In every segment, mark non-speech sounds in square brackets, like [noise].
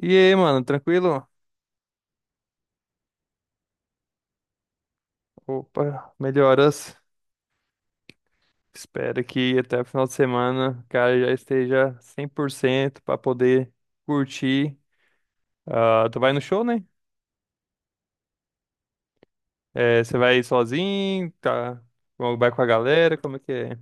E aí, mano, tranquilo? Opa, melhoras. Espero que até o final de semana o cara já esteja 100% pra poder curtir. Ah, tu vai no show, né? É, você vai sozinho, tá? Ou vai com a galera, como é que é?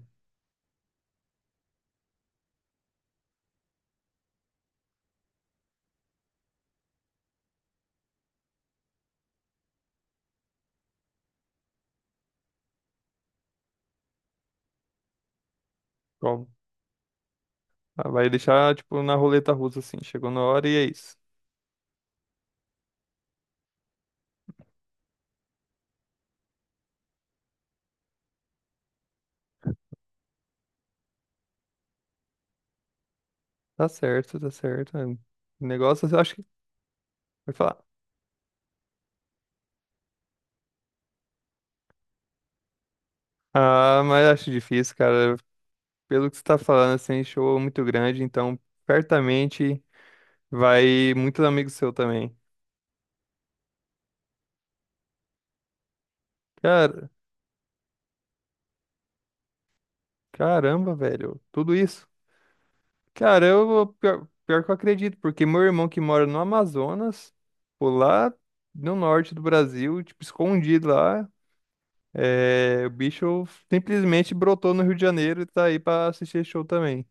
Qual- ah, vai deixar, tipo, na roleta russa, assim. Chegou na hora e é isso. Tá certo, tá certo. É, o negócio, eu acho que... Vai falar. Ah, mas acho difícil, cara. Pelo que você tá falando, assim, show muito grande, então, certamente... Vai muitos amigos seu também. Cara, caramba, velho. Tudo isso. Cara, eu pior, pior que eu acredito, porque meu irmão que mora no Amazonas, pô, lá no norte do Brasil, tipo, escondido lá, é, o bicho simplesmente brotou no Rio de Janeiro e tá aí pra assistir esse show também.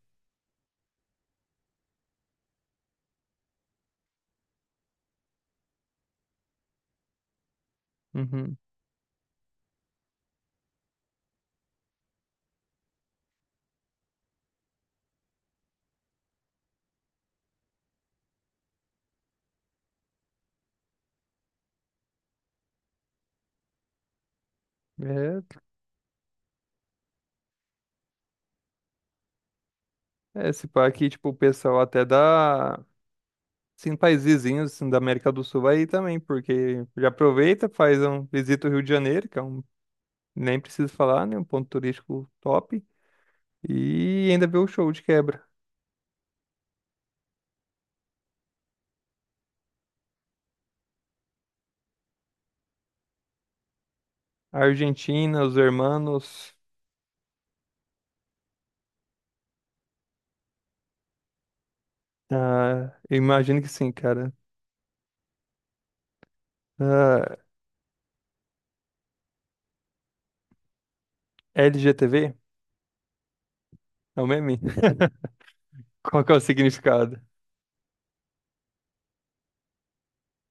Uhum. É, é, se pá aqui, tipo, o pessoal até da. Sim, países vizinhos assim, da América do Sul aí também, porque já aproveita, faz um visita o Rio de Janeiro, que é um nem preciso falar, né? Um ponto turístico top. E ainda ver o show de quebra. A Argentina, os Hermanos. Ah, eu imagino que sim, cara. Ah, LGTV? É o meme? [laughs] Qual que é o significado?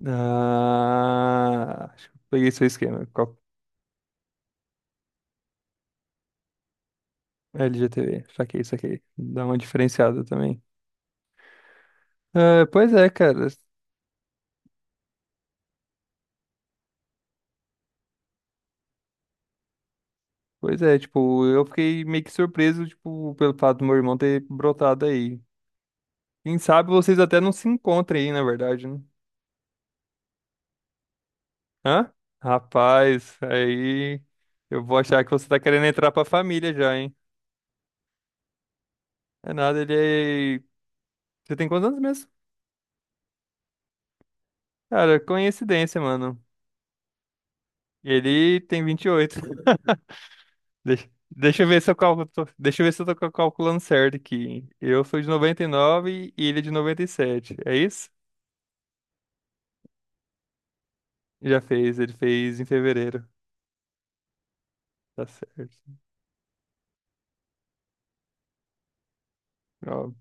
Ah, acho que eu peguei seu esquema. Qual- LGTV, saquei, saquei. Dá uma diferenciada também. Ah, pois é, cara. Pois é, tipo, eu fiquei meio que surpreso, tipo, pelo fato do meu irmão ter brotado aí. Quem sabe vocês até não se encontrem aí, na verdade, né? Hã? Rapaz, aí eu vou achar que você tá querendo entrar pra família já, hein? É nada, ele é... Você tem quantos anos mesmo? Cara, coincidência, mano. Ele tem 28. Deixa eu ver se eu calculo, deixa eu ver se eu tô calculando certo aqui. Eu sou de 99 e ele é de 97. É isso? Já fez, ele fez em fevereiro. Tá certo. Ó,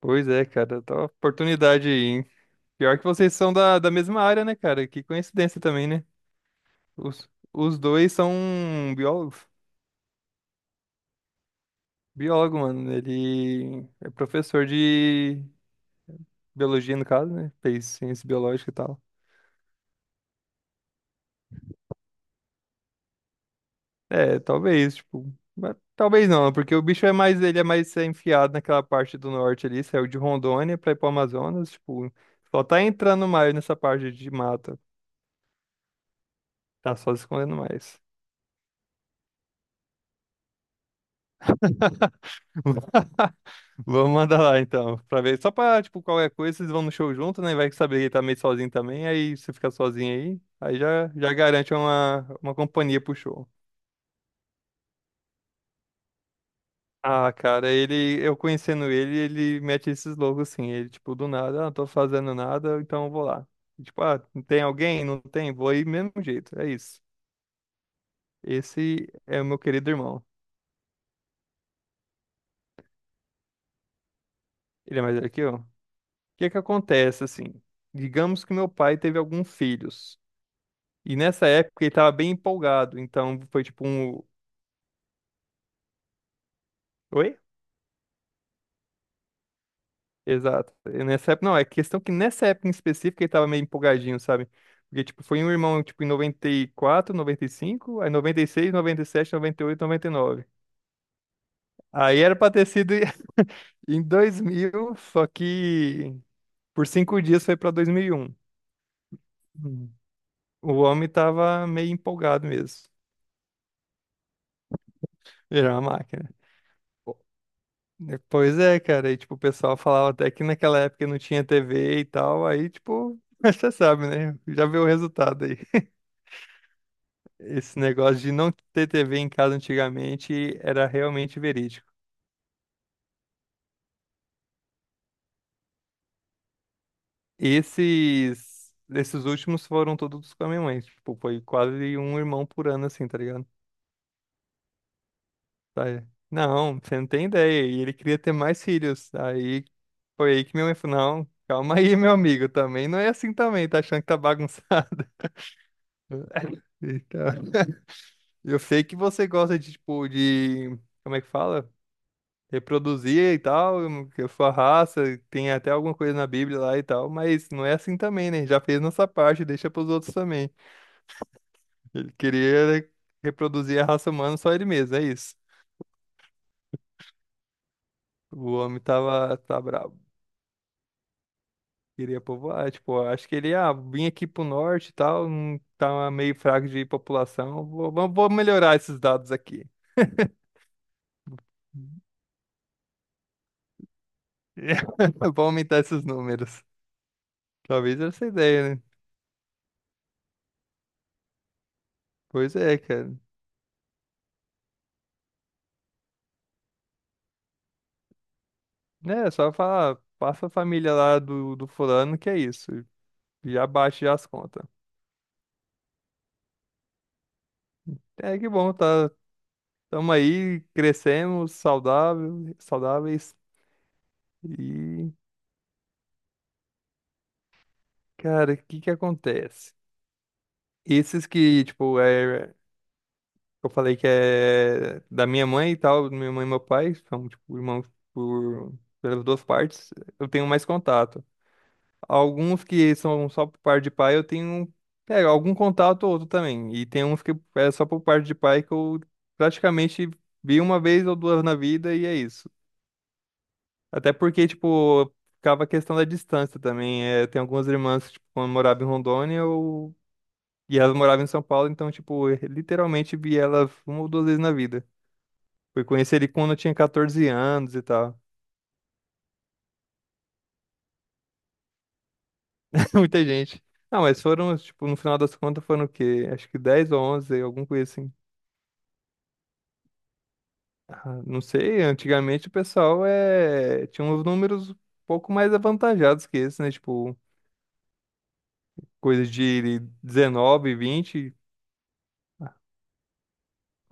pois é, cara, tá uma oportunidade aí, hein? Pior que vocês são da mesma área, né, cara? Que coincidência também, né? Os, os dois são biólogos. Biólogo, mano. Ele é professor de biologia, no caso, né? Fez ciência biológica e tal. É, talvez, tipo. Mas talvez não, porque o bicho é mais, ele é mais é, enfiado naquela parte do norte ali, saiu de Rondônia pra ir pro Amazonas, tipo, só tá entrando mais nessa parte de mata. Tá só se escondendo mais. [laughs] Vamos mandar lá então, pra ver. Só pra, tipo, qualquer coisa, vocês vão no show junto, né? Vai que saber que ele tá meio sozinho também, aí você fica sozinho aí, aí já garante uma companhia pro show. Ah, cara, ele, eu conhecendo ele, ele mete esses loucos assim, ele, tipo, do nada, ah, não tô fazendo nada, então eu vou lá. E, tipo, ah, não tem alguém? Não tem? Vou aí mesmo jeito, é isso. Esse é o meu querido irmão. Ele é mais velho que eu. O que que acontece, assim? Digamos que meu pai teve alguns filhos. E nessa época ele tava bem empolgado, então foi tipo um. Oi? Exato. E nessa época, não, é questão que nessa época em específico ele tava meio empolgadinho, sabe? Porque, tipo, foi um irmão, tipo, em 94, 95, aí 96, 97, 98, 99. Aí era pra ter sido [laughs] em 2000, só que por 5 dias foi pra 2001. Hum. O homem tava meio empolgado mesmo. Ele era uma máquina. Né? Pois é, cara. E, tipo, o pessoal falava até que naquela época não tinha TV e tal. Aí, tipo, [laughs] mas você sabe, né? Já viu o resultado aí. Esse negócio de não ter TV em casa antigamente era realmente verídico. Esses, esses últimos foram todos com a minha mãe. Tipo, foi quase um irmão por ano, assim, tá ligado? Tá aí, não, você não tem ideia. E ele queria ter mais filhos. Aí foi aí que minha mãe falou, não, calma aí, meu amigo, também não é assim também, tá achando que tá bagunçado. [laughs] Então, eu sei que você gosta de, tipo, de. Como é que fala? Reproduzir e tal, que a sua raça, tem até alguma coisa na Bíblia lá e tal, mas não é assim também, né? Já fez nossa parte, deixa pros outros também. Ele queria né, reproduzir a raça humana só ele mesmo, é isso. O homem tava, tá bravo, queria povoar, tipo, acho que ele, ah, vim aqui pro norte e tal, não tá meio fraco de população, vou, vou melhorar esses dados aqui. [laughs] Vou aumentar esses números. Talvez essa ideia, né? Pois é, cara. Né, só falar, passa a família lá do, do fulano, que é isso. Já baixa já as contas. É que bom, tá, tamo aí, crescemos, saudável, saudáveis. E, cara, o que que acontece? Esses que, tipo, é, eu falei que é da minha mãe e tal, minha mãe e meu pai, são, tipo, irmãos por, pelas duas partes, eu tenho mais contato. Alguns que são só por parte de pai, eu tenho, um, é, algum contato ou outro também. E tem uns que é só por parte de pai que eu praticamente vi uma vez ou duas na vida e é isso. Até porque, tipo, ficava a questão da distância também. É, tem algumas irmãs que, tipo, quando morava em Rondônia, eu... e elas moravam em São Paulo, então, tipo, eu literalmente vi elas uma ou duas vezes na vida. Fui conhecer ele quando eu tinha 14 anos e tal. [laughs] Muita gente. Não, mas foram, tipo, no final das contas foram o quê? Acho que 10 ou 11 alguma coisa assim. Ah, não sei, antigamente o pessoal é... tinha uns números um pouco mais avantajados que esse, né? Tipo, coisa de 19, 20.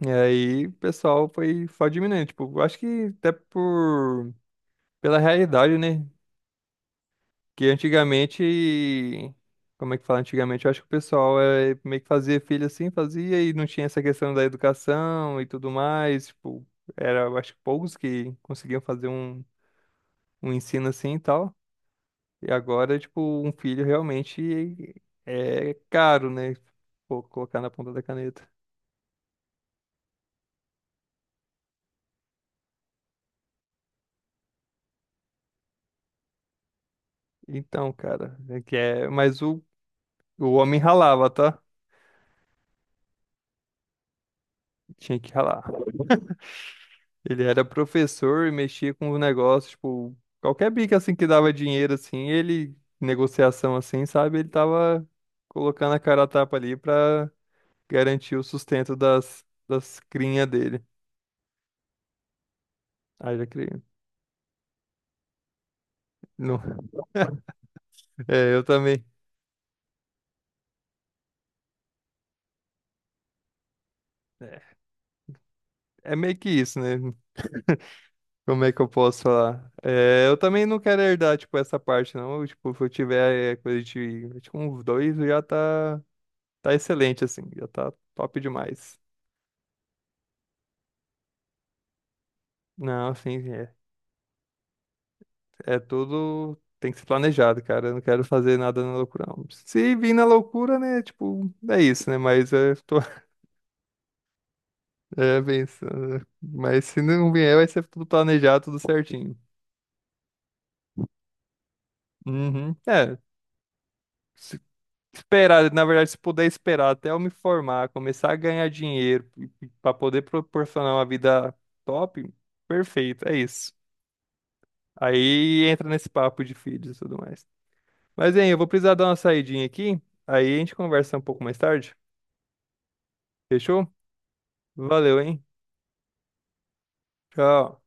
E aí o pessoal foi diminuindo. Tipo, eu acho que até por... pela realidade, né? Que antigamente. Como é que fala? Antigamente eu acho que o pessoal é... meio que fazia filho assim, fazia e não tinha essa questão da educação e tudo mais. Tipo, era, eu acho que poucos que conseguiam fazer um, um ensino assim e tal. E agora, tipo, um filho realmente é caro, né? Pô, colocar na ponta da caneta. Então, cara, é que é... mas o homem ralava, tá? Tinha que ralar. Ele era professor e mexia com o negócio, tipo, qualquer bico assim que dava dinheiro, assim, ele, negociação assim, sabe? Ele tava colocando a cara a tapa ali pra garantir o sustento das crinhas dele. Ah, já criei. Não. [laughs] É, eu também. É, é meio que isso, né? Como é que eu posso falar? É, eu também não quero herdar, tipo, essa parte, não. Eu, tipo, se eu tiver é, coisa de, tipo, uns dois, já tá, tá excelente, assim. Já tá top demais. Não, assim, é, é tudo... Tem que ser planejado, cara. Eu não quero fazer nada na loucura, não. Se vir na loucura, né, tipo, é isso, né? Mas eu tô [laughs] é, pensando. Né? Mas se não vier, vai ser tudo planejado, tudo certinho. Uhum. É. Esperar, na verdade, se puder esperar até eu me formar, começar a ganhar dinheiro para poder proporcionar uma vida top, perfeito, é isso. Aí entra nesse papo de filhos e tudo mais. Mas, hein, eu vou precisar dar uma saidinha aqui, aí a gente conversa um pouco mais tarde. Fechou? Valeu, hein? Tchau.